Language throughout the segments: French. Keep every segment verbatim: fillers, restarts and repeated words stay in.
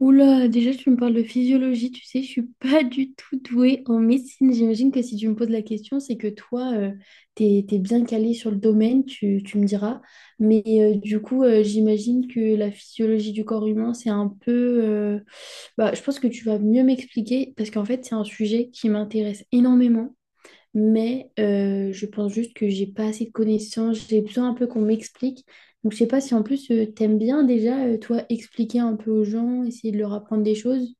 Oula, déjà tu me parles de physiologie, tu sais, je suis pas du tout douée en médecine. J'imagine que si tu me poses la question, c'est que toi, euh, t'es, t'es bien calée sur le domaine, tu, tu me diras. Mais euh, du coup, euh, j'imagine que la physiologie du corps humain, c'est un peu... euh, bah, je pense que tu vas mieux m'expliquer parce qu'en fait, c'est un sujet qui m'intéresse énormément, mais euh, je pense juste que j'ai pas assez de connaissances, j'ai besoin un peu qu'on m'explique. Donc je sais pas si en plus euh, t'aimes bien déjà, euh, toi, expliquer un peu aux gens, essayer de leur apprendre des choses.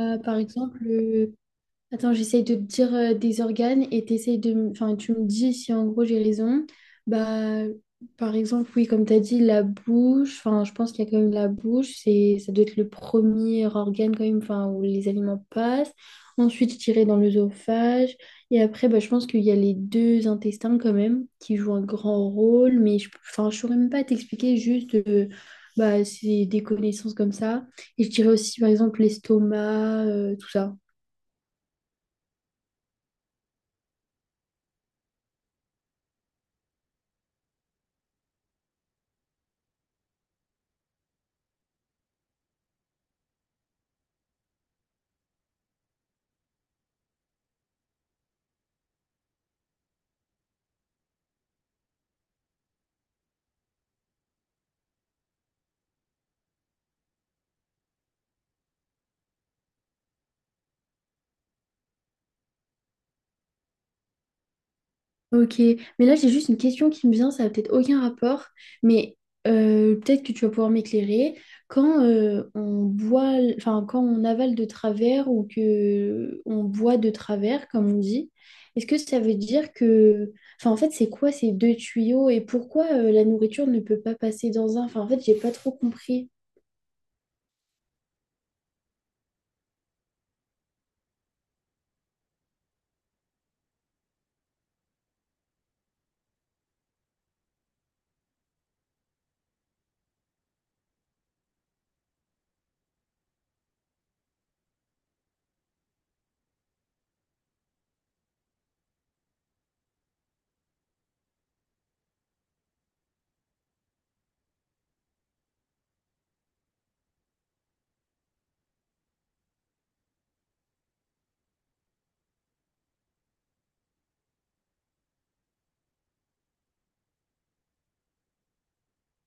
Euh, par exemple, euh, Attends, j'essaye de te dire euh, des organes et t'essayes de, m- enfin, tu me dis si en gros j'ai raison. Bah, par exemple, oui, comme tu as dit, la bouche, enfin, je pense qu'il y a quand même la bouche, c'est, ça doit être le premier organe quand même, enfin, où les aliments passent. Ensuite, je dirais dans l'œsophage. Et après, bah, je pense qu'il y a les deux intestins quand même qui jouent un grand rôle, mais je, enfin, je saurais même pas t'expliquer juste, euh, bah, c'est des connaissances comme ça. Et je dirais aussi, par exemple, l'estomac, euh, tout ça. Ok, mais là j'ai juste une question qui me vient, ça n'a peut-être aucun rapport, mais euh, peut-être que tu vas pouvoir m'éclairer. Quand euh, on boit, enfin quand on avale de travers ou que on boit de travers, comme on dit, est-ce que ça veut dire que, enfin en fait c'est quoi ces deux tuyaux et pourquoi euh, la nourriture ne peut pas passer dans un? Enfin en fait j'ai pas trop compris.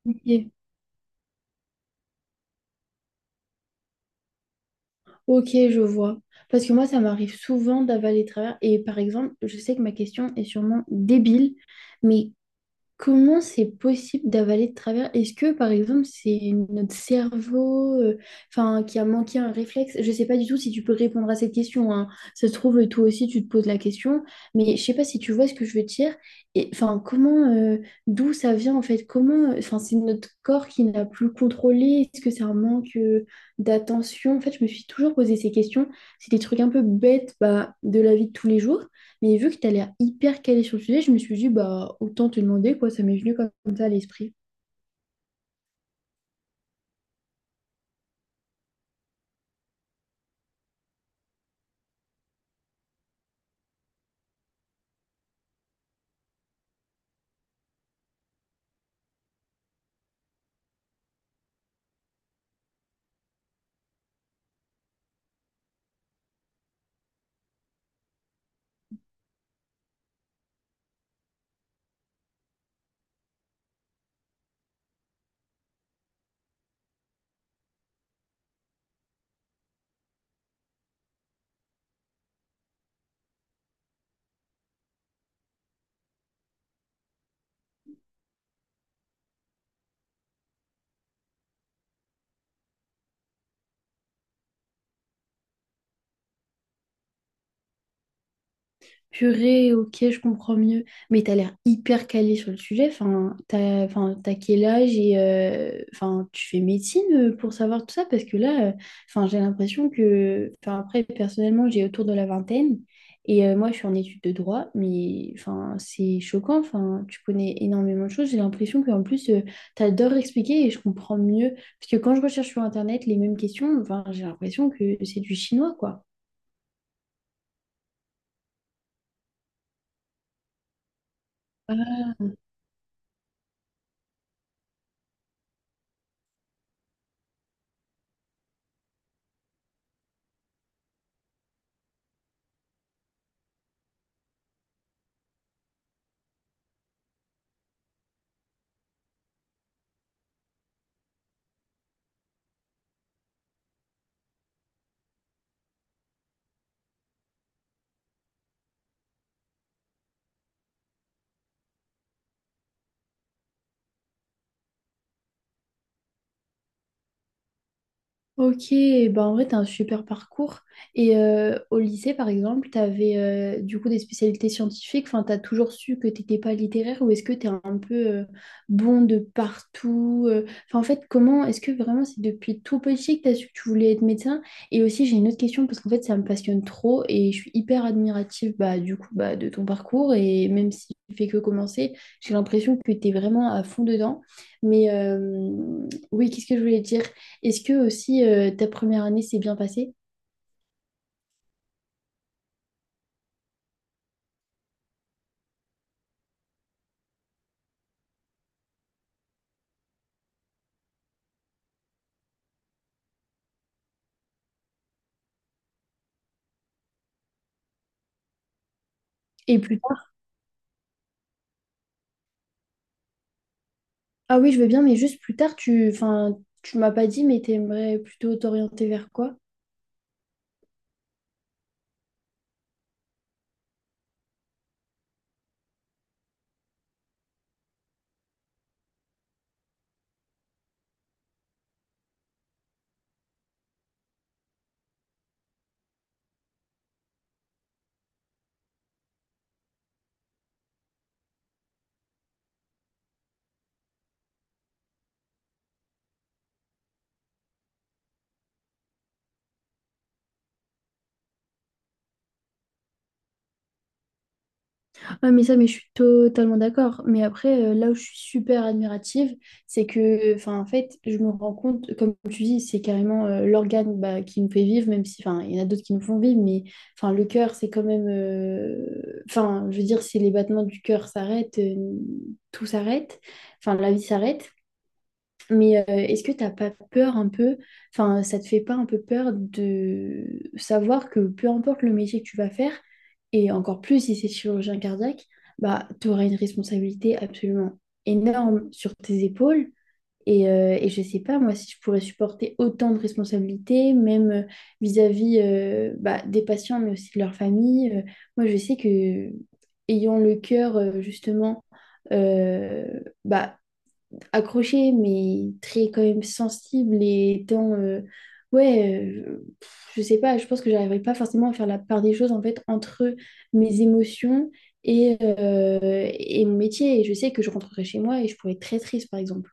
Ok. Ok, je vois. Parce que moi ça m'arrive souvent d'avaler de travers et par exemple je sais que ma question est sûrement débile. Mais comment c'est possible d'avaler de travers? Est-ce que, par exemple, c'est notre cerveau, euh, enfin, qui a manqué un réflexe? Je ne sais pas du tout si tu peux répondre à cette question, hein. Ça se trouve, toi aussi, tu te poses la question, mais je sais pas si tu vois ce que je veux dire. Et enfin, comment, euh, d'où ça vient en fait? Comment, euh, enfin, c'est notre corps qui n'a plus contrôlé? Est-ce que c'est un manque, euh, d'attention? En fait, je me suis toujours posé ces questions. C'est des trucs un peu bêtes, bah, de la vie de tous les jours. Mais vu que tu as l'air hyper calé sur le sujet, je me suis dit, bah, autant te demander, quoi, ça m'est venu comme ça à l'esprit. Purée, ok, je comprends mieux. Mais t'as l'air hyper calé sur le sujet. Enfin, t'as, enfin, t'as quel âge et euh, enfin, tu fais médecine euh, pour savoir tout ça? Parce que là, euh, enfin, j'ai l'impression que, enfin, après, personnellement, j'ai autour de la vingtaine et euh, moi, je suis en études de droit, mais enfin, c'est choquant. Enfin, tu connais énormément de choses. J'ai l'impression qu'en plus, euh, t'adores expliquer et je comprends mieux. Parce que quand je recherche sur Internet les mêmes questions, enfin, j'ai l'impression que c'est du chinois, quoi. Ok, bah en vrai, t'as un super parcours. Et euh, au lycée, par exemple, t'avais euh, du coup des spécialités scientifiques. Enfin, t'as toujours su que t'étais pas littéraire ou est-ce que t'es un peu euh, bon de partout? euh Enfin, en fait, comment est-ce que vraiment c'est depuis tout petit que t'as su que tu voulais être médecin? Et aussi, j'ai une autre question parce qu'en fait, ça me passionne trop et je suis hyper admirative, bah, du coup, bah, de ton parcours. Et même si fait que commencer, j'ai l'impression que t'es vraiment à fond dedans. Mais euh, oui, qu'est-ce que je voulais dire? Est-ce que aussi euh, ta première année s'est bien passée? Et plus tard, ah oui, je veux bien, mais juste plus tard, tu, enfin, tu m'as pas dit, mais t'aimerais plutôt t'orienter vers quoi? Ah, mais ça, mais je suis totalement d'accord. Mais après, euh, là où je suis super admirative, c'est que, enfin, en fait, je me rends compte, comme tu dis, c'est carrément euh, l'organe, bah, qui nous fait vivre, même si, enfin, il y en a d'autres qui nous font vivre, mais, enfin, le cœur, c'est quand même, euh, enfin, je veux dire, si les battements du cœur s'arrêtent, euh, tout s'arrête, enfin, la vie s'arrête. Mais euh, est-ce que t'as pas peur un peu, enfin, ça te fait pas un peu peur de savoir que peu importe le métier que tu vas faire, et encore plus si c'est chirurgien cardiaque, bah, tu auras une responsabilité absolument énorme sur tes épaules. Et, euh, et je sais pas, moi, si je pourrais supporter autant de responsabilités, même euh, vis-à-vis euh, bah, des patients, mais aussi de leur famille. Euh, moi, je sais que ayant le cœur, euh, justement, euh, bah, accroché, mais très quand même sensible et dans... euh, ouais, euh, pff, je sais pas, je pense que j'arriverai pas forcément à faire la part des choses, en fait, entre mes émotions et, euh, et mon métier. Et je sais que je rentrerai chez moi et je pourrais être très triste, par exemple.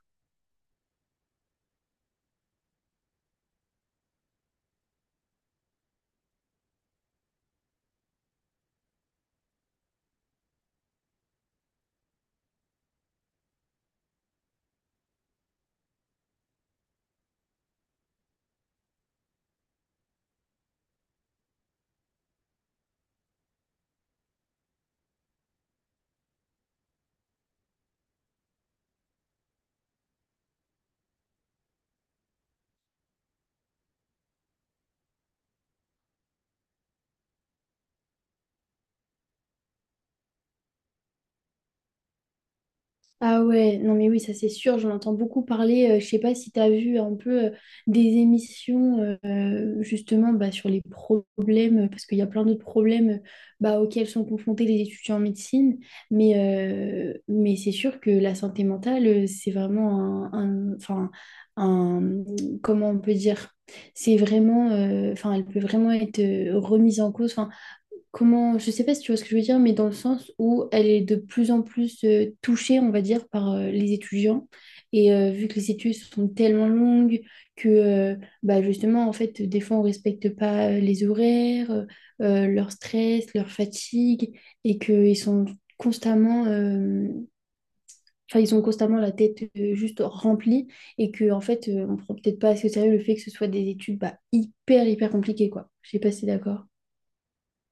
Ah ouais, non mais oui, ça c'est sûr, j'en entends beaucoup parler. Euh, je sais pas si tu as vu un peu euh, des émissions euh, justement, bah, sur les problèmes, euh, parce qu'il y a plein d'autres problèmes euh, bah, auxquels sont confrontés les étudiants en médecine, mais, euh, mais c'est sûr que la santé mentale, euh, c'est vraiment un, un- enfin, un, comment on peut dire, c'est vraiment, euh, enfin, elle peut vraiment être euh, remise en cause. Enfin, comment, je sais pas si tu vois ce que je veux dire, mais dans le sens où elle est de plus en plus euh, touchée, on va dire, par euh, les étudiants. Et euh, vu que les études sont tellement longues que, euh, bah justement, en fait, des fois, on respecte pas euh, les horaires, euh, euh, leur stress, leur fatigue, et qu'ils sont constamment, euh, enfin, ils ont constamment la tête euh, juste remplie, et que, en fait, euh, on prend peut-être pas assez au sérieux le fait que ce soit des études, bah, hyper, hyper compliquées, quoi. Je sais pas si t'es d'accord.